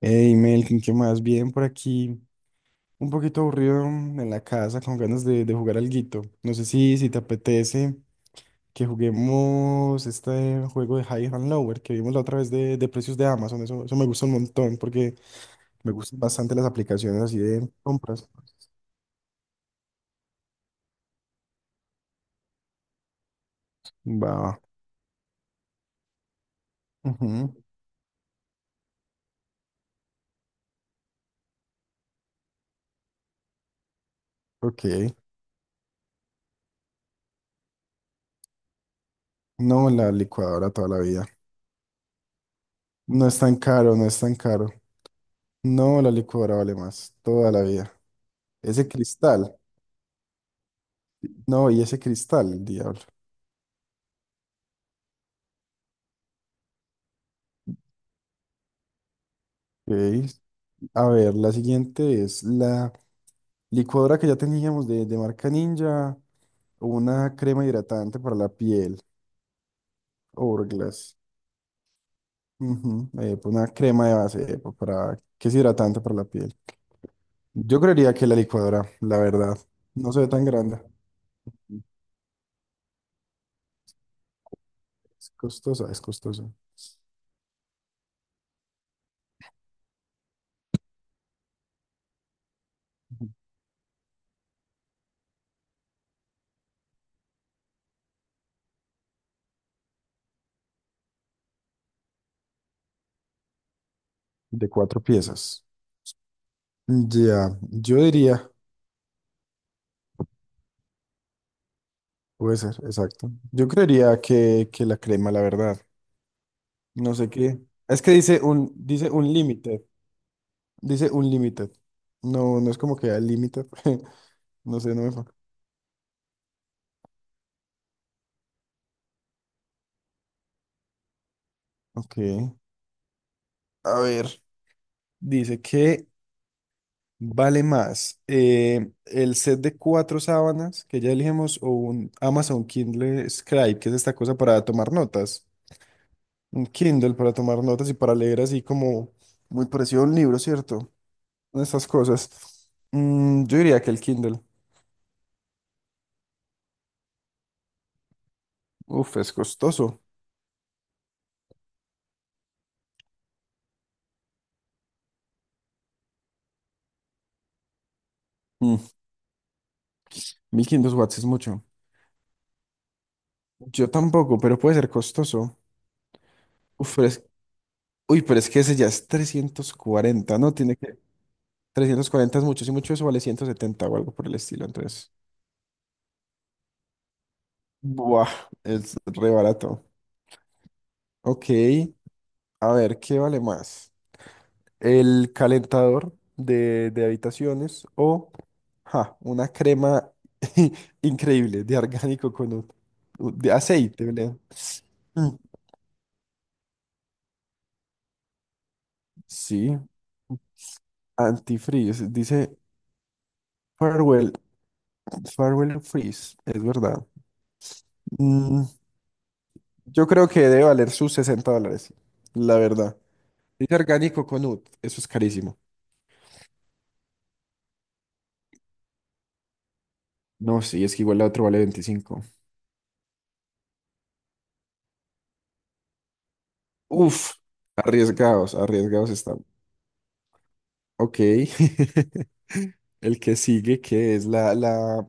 Hey, Melkin, ¿qué más? Bien por aquí. Un poquito aburrido en la casa, con ganas de jugar alguito. No sé si te apetece que juguemos este juego de High and Lower que vimos la otra vez de precios de Amazon. Eso me gusta un montón porque me gustan bastante las aplicaciones así de compras. Va. Ujú. Ok. No, la licuadora toda la vida. No es tan caro, no es tan caro. No, la licuadora vale más, toda la vida. Ese cristal. No, y ese cristal, el diablo. Ok. A ver, la siguiente es la licuadora que ya teníamos de marca Ninja, una crema hidratante para la piel, Hourglass. Ujú, pues una crema de base para, que es hidratante para la piel. Yo creería que la licuadora, la verdad, no se ve tan grande. Es costosa, es costosa. Ujú. De cuatro piezas. Ya, yo diría, puede ser, exacto. Yo creería que la crema, la verdad. No sé qué. Es que dice dice un... Dice Unlimited. No, no es como que al límite. No sé, no me... Ok. A ver, dice que vale más el set de cuatro sábanas que ya elegimos o un Amazon Kindle Scribe, que es esta cosa para tomar notas. Un Kindle para tomar notas y para leer así como muy parecido a un libro, ¿cierto? Estas cosas. Yo diría que el Kindle. Uf, es costoso. Mm, 1500 watts es mucho. Yo tampoco, pero puede ser costoso. Uf, pero es Uy, pero es que ese ya es trescientos cuarenta, ¿no? Tiene que... 340 es mucho, si mucho eso vale 170 o algo por el estilo, entonces... Buah, es re barato. Ok, a ver, ¿qué vale más? ¿El calentador de habitaciones o ja, una crema increíble de orgánico con un de aceite, ¿verdad? Mm. Sí, antifreeze, dice. Farewell, Farewell Freeze, es verdad. Mm. Yo creo que debe valer sus 60 dólares, la verdad. Dice orgánico con UT, eso es carísimo. No, sí, es que igual la otra vale veinticinco. Uf, arriesgados, arriesgados están. Ok. El que sigue, que es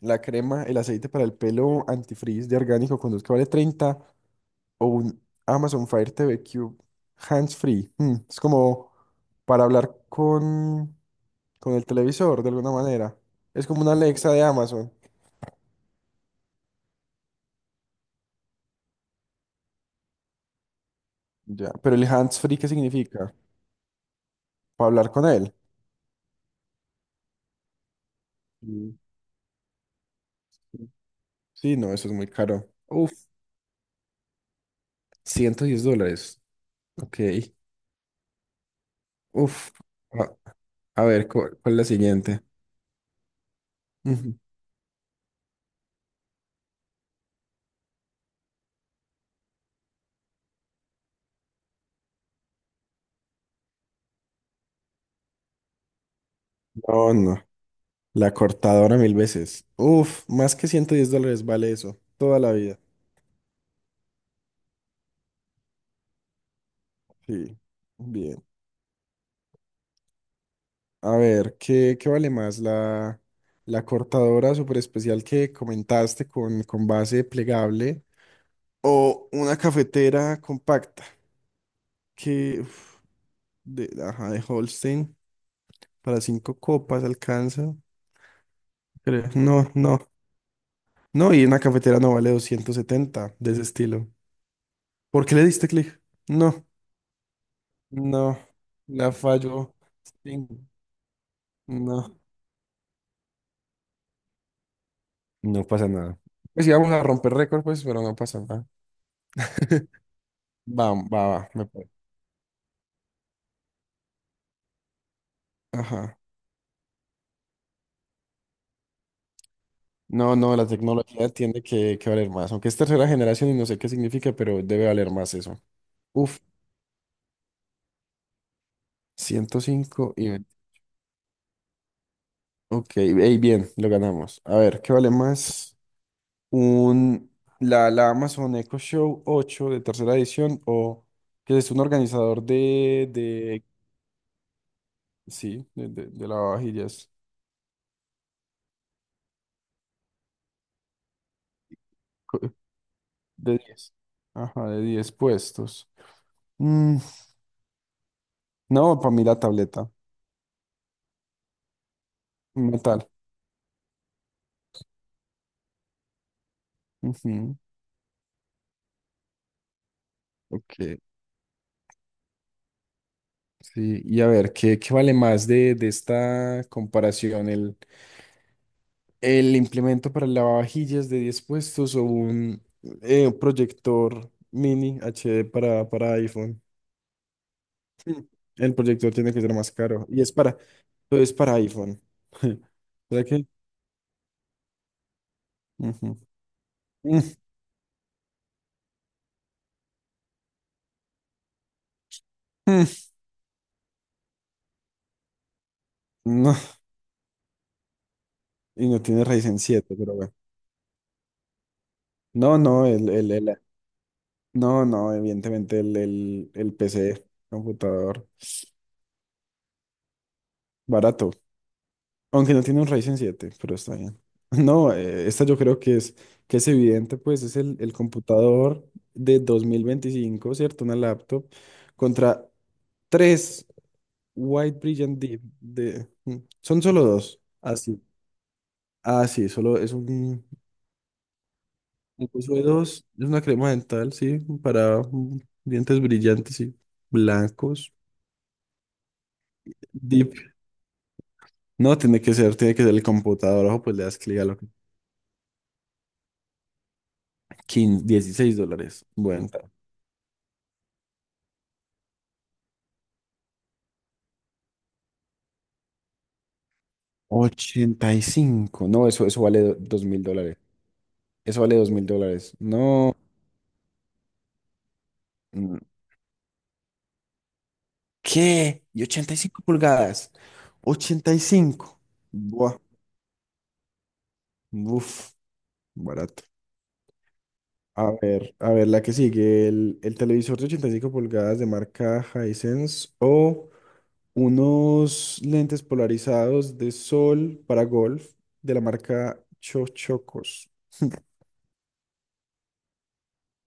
la crema, el aceite para el pelo antifreeze de orgánico con UT que vale 30 o un Amazon Fire TV Cube hands free. Es como para hablar con el televisor de alguna manera. Es como una Alexa de Amazon. Ya, pero el hands free, ¿qué significa? ¿Para hablar con él? Mm, sí. Sí, no, eso es muy caro. Uf, 110 dólares. Ok. Uf. A, a ver, ¿cuál es la siguiente? Ujú. No, no. La cortadora mil veces. Uf, más que 110 dólares vale eso. Toda la vida. Sí. Bien. A ver, ¿qué, qué vale más? La cortadora super especial que comentaste con base plegable o una cafetera compacta. Que, uf. De, ajá, de Holstein para cinco copas alcanza, creo. No, no. No, y una cafetera no vale 270 de ese estilo. ¿Por qué le diste clic? No, no. La falló. Sí. No. No pasa nada. Pues íbamos a romper récord, pues, pero no pasa nada. Va, va, va, me parece. Ajá. No, no, la tecnología tiene que valer más. Aunque es tercera generación y no sé qué significa, pero debe valer más eso. Uf, ciento cinco y... Ok, ey, bien, lo ganamos. A ver, ¿qué vale más? Un, la Amazon Echo Show 8 de tercera edición o que es un organizador de sí, de lavavajillas, co- de 10, ajá, de 10 puestos. Mm, no, para mí la tableta. Como tal. Ujú. Ok, sí. Y a ver, ¿qué, qué vale más de esta comparación? El implemento para el lavavajillas de 10 puestos o un proyector mini HD para iPhone. El proyector tiene que ser más caro y es para iPhone. O sea que, ujú. Mm, mm. No, y no tiene Ryzen siete, pero bueno. No, no, no, no, evidentemente el PC, computador, barato. Aunque no tiene un Ryzen siete, pero está bien. No, esta yo creo que es evidente, pues es el computador de dos mil veinticinco, ¿cierto? Una laptop contra tres White Brilliant Deep de... mm, son solo dos. Así. Ah, sí, solo es un curso de dos. Es una crema dental, sí, para dientes brillantes y blancos. Deep. No, tiene que ser el computador. Ojo, pues le das clic a lo que... 15, $16. Bueno. 85, no, eso vale dos mil dólares. Eso vale dos mil dólares. No. Mm. ¿Qué? ¿Y ochenta y cinco pulgadas? Ochenta y cinco, buah. Uf, barato. A ver, la que sigue. El televisor de 85 pulgadas de marca Hisense o unos lentes polarizados de sol para golf de la marca Chochocos.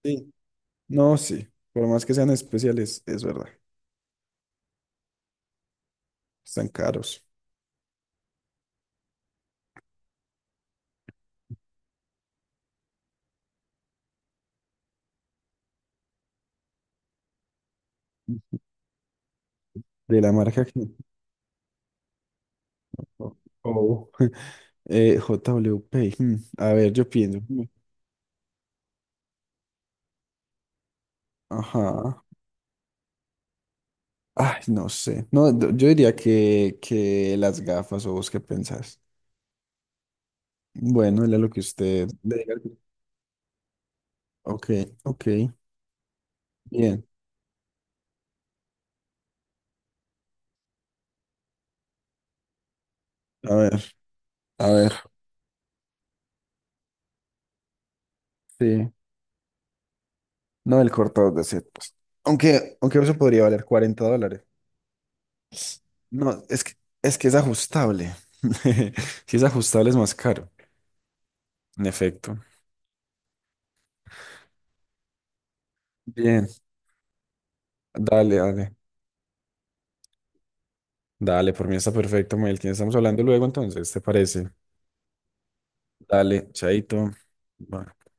Sí. No, sí. Por más que sean especiales, es verdad. Están caros. De la marca que... Oh. Oh, JWP. Hmm. A ver, yo pienso. Hmm. Ajá. Ay, no sé. No, yo diría que las gafas o vos qué pensás. Bueno, era lo que usted... le diga. Ok, ok. Bien. A ver, a ver. Sí. No, el cortador de setas. Aunque, aunque eso podría valer 40 dólares. No, es que, es que es ajustable. Si es ajustable es más caro. En efecto. Bien, dale, dale. Dale, por mí está perfecto, Melkin. Estamos hablando luego entonces, ¿te parece? Dale, chaito. Bye.